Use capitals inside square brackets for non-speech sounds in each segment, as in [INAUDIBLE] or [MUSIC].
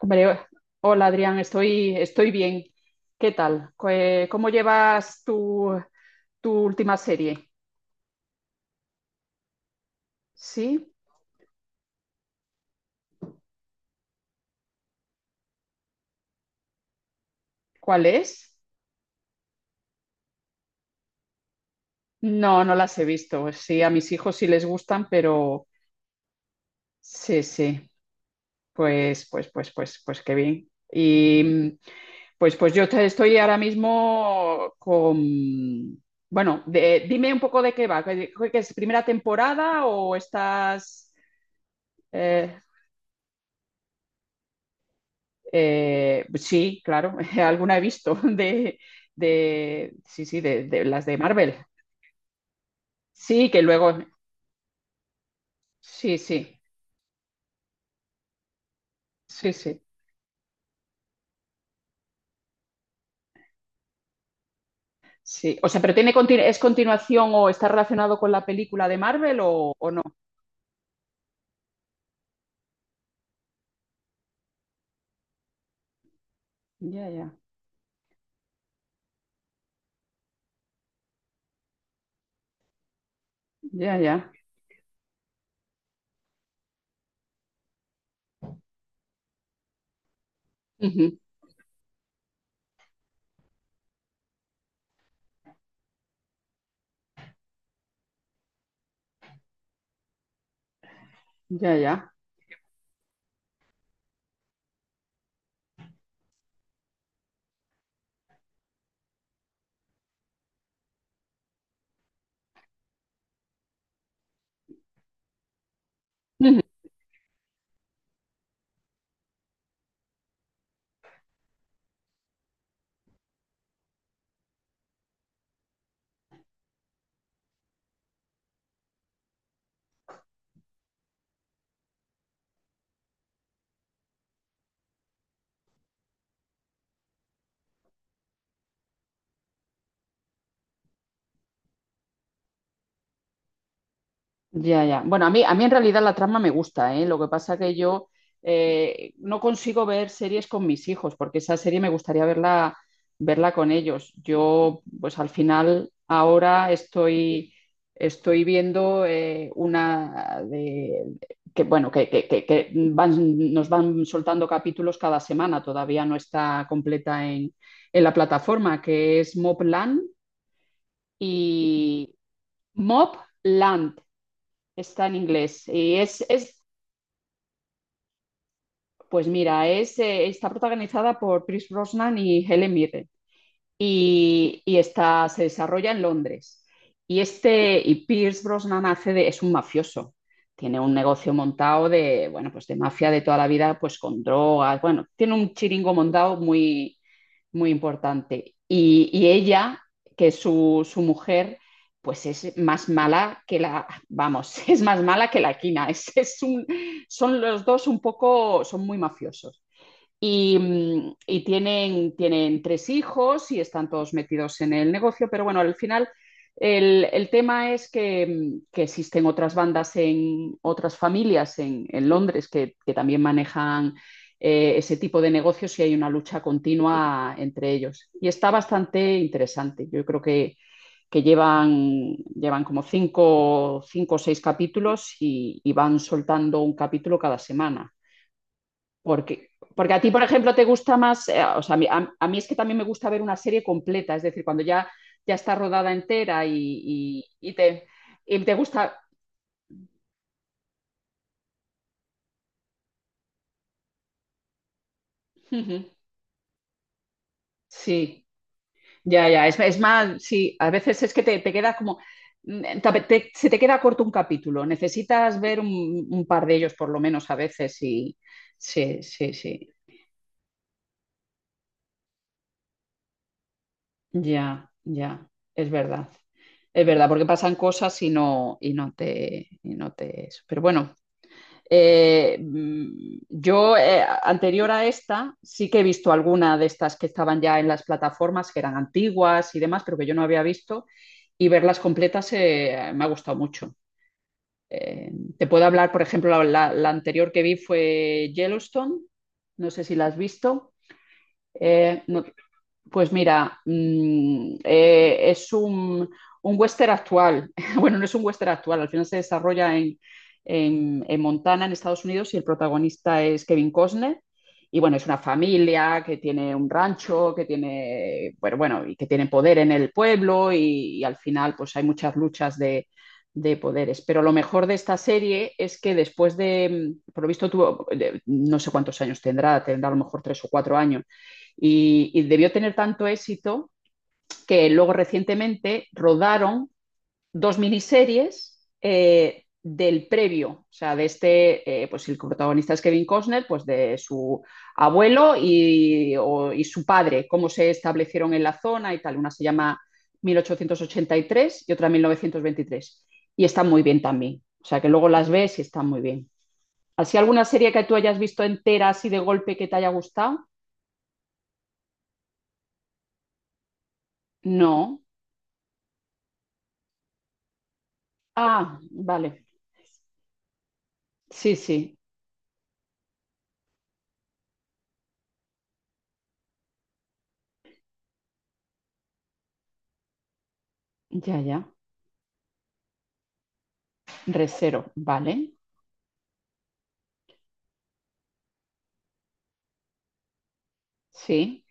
Hombre, hola Adrián, estoy bien. ¿Qué tal? ¿Cómo llevas tu última serie? ¿Sí? ¿Cuál es? No, no las he visto. Sí, a mis hijos sí les gustan, pero sí, sí. Pues qué bien. Y pues estoy ahora mismo con. Bueno, dime un poco de qué va. ¿Qué es primera temporada o estás? eh, sí, claro, [LAUGHS] alguna he visto de sí, sí, de las de Marvel. Sí, que luego, sí, sí, sí, sí, sí. O sea, pero tiene es continuación o está relacionado con la película de Marvel o no. Ya, ya, ya, ya. Ujú. Ya, ya. Ya, ya. Bueno, a mí en realidad la trama me gusta, ¿eh? Lo que pasa que yo no consigo ver series con mis hijos, porque esa serie me gustaría verla, con ellos. Yo, pues al final, ahora estoy viendo una de que, bueno, nos van soltando capítulos cada semana, todavía no está completa en la plataforma, que es Mobland y Mobland. Está en inglés. Y es pues mira, está protagonizada por Pierce Brosnan y Helen Mirren. Y se desarrolla en Londres. Y este, y Pierce Brosnan hace es un mafioso. Tiene un negocio montado bueno, pues de mafia de toda la vida, pues con drogas. Bueno, tiene un chiringo montado muy, muy importante. Y ella, que es su mujer, pues es más mala que vamos, [LAUGHS] es más mala que la quina. Son los dos un poco, son muy mafiosos. Y tienen tres hijos y están todos metidos en el negocio, pero bueno, al final el tema es que existen otras bandas en otras familias en Londres que también manejan ese tipo de negocios y hay una lucha continua entre ellos. Y está bastante interesante. Yo creo que llevan como cinco o seis capítulos y van soltando un capítulo cada semana. Porque, porque a ti, por ejemplo, te gusta más, o sea, a mí es que también me gusta ver una serie completa, es decir, cuando ya está rodada entera y- y te, y te gusta. Ujú. Sí, ya, ya. Es más, sí, a veces es que te queda como, se te queda corto un capítulo, necesitas ver un par de ellos por lo menos a veces y sí, sí, sí, ya, ya, es verdad. Es verdad, porque pasan cosas y no, y no te, eso. Pero bueno, yo, anterior a esta, sí que he visto alguna de estas que estaban ya en las plataformas, que eran antiguas y demás, pero que yo no había visto, y verlas completas me ha gustado mucho. Eh, te puedo hablar, por ejemplo, la anterior que vi fue Yellowstone, no sé si la has visto. Eh, no- pues mira, es un western actual. [LAUGHS] Bueno, no es un western actual, al final se desarrolla en Montana, en Estados Unidos, y el protagonista es Kevin Costner. Y bueno, es una familia que tiene un rancho, que tiene, bueno, bueno, y que tiene poder en el pueblo, y al final, pues hay muchas luchas de poderes. Pero lo mejor de esta serie es que después de, por lo visto, tuvo, no sé cuántos años tendrá a lo mejor 3 o 4 años y debió tener tanto éxito que luego recientemente rodaron dos miniseries del previo, o sea, de este, pues el protagonista es Kevin Costner, pues de su abuelo y, o, y, su padre, cómo se establecieron en la zona y tal. Una se llama 1883 y tres y otra 1923. Y están muy bien también. O sea, que luego las ves y están muy bien. ¿Así alguna serie que tú hayas visto entera así de golpe que te haya gustado? No. Ah, vale. Sí, sí, ya, ya. Resero, ¿vale? Sí.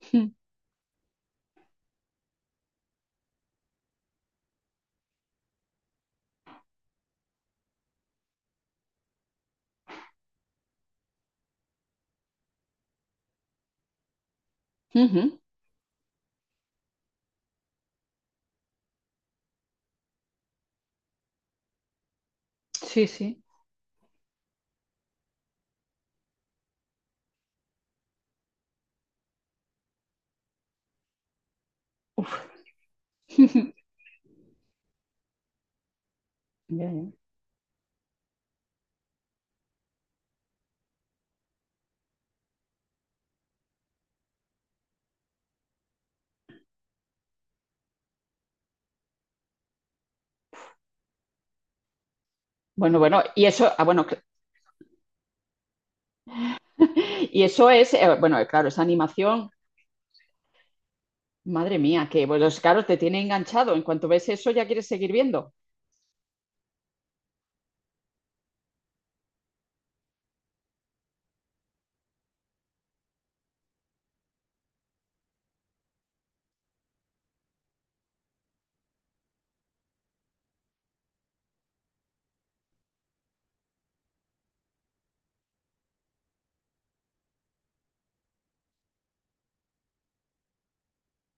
[LAUGHS] Ujú. Sí, sí. [LAUGHS] Ya, ya. Bueno, bueno, y eso, ah, bueno, [LAUGHS] y eso es, bueno, claro, esa animación, madre mía, que bueno, los caros te tiene enganchado. En cuanto ves eso, ya quieres seguir viendo.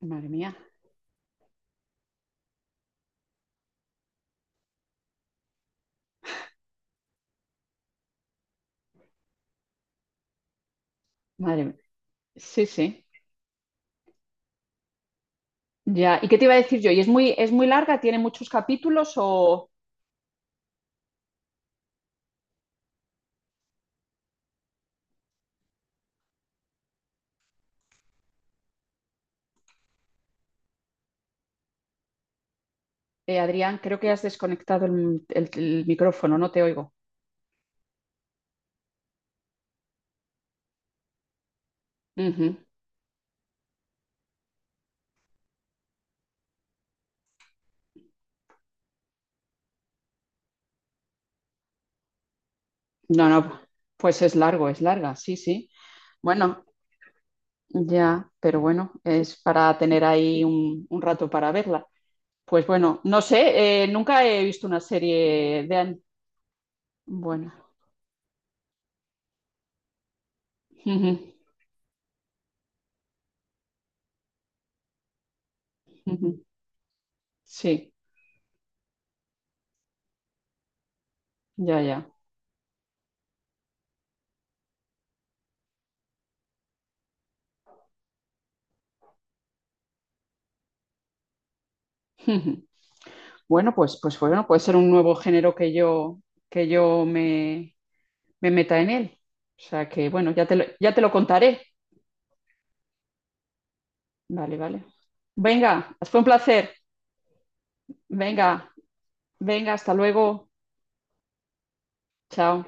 Madre mía, madre mía. Sí, sí. Ya, ¿y qué te iba a decir yo? ¿Y es muy larga? ¿Tiene muchos capítulos? O, Adrián, creo que has desconectado el micrófono, no te oigo. Ujú. No, no, pues es largo, es larga, sí, sí. Bueno, ya, pero bueno, es para tener ahí un rato para verla. Pues bueno, no sé, nunca he visto una serie Bueno, [LAUGHS] ujú, ujú, sí, ya, ya. [LAUGHS] ujú. Bueno, pues bueno, puede ser un nuevo género que yo, me meta en él. O sea que bueno, ya te lo contaré. Vale, vale. Venga, fue un placer. Venga, venga, hasta luego. Chao.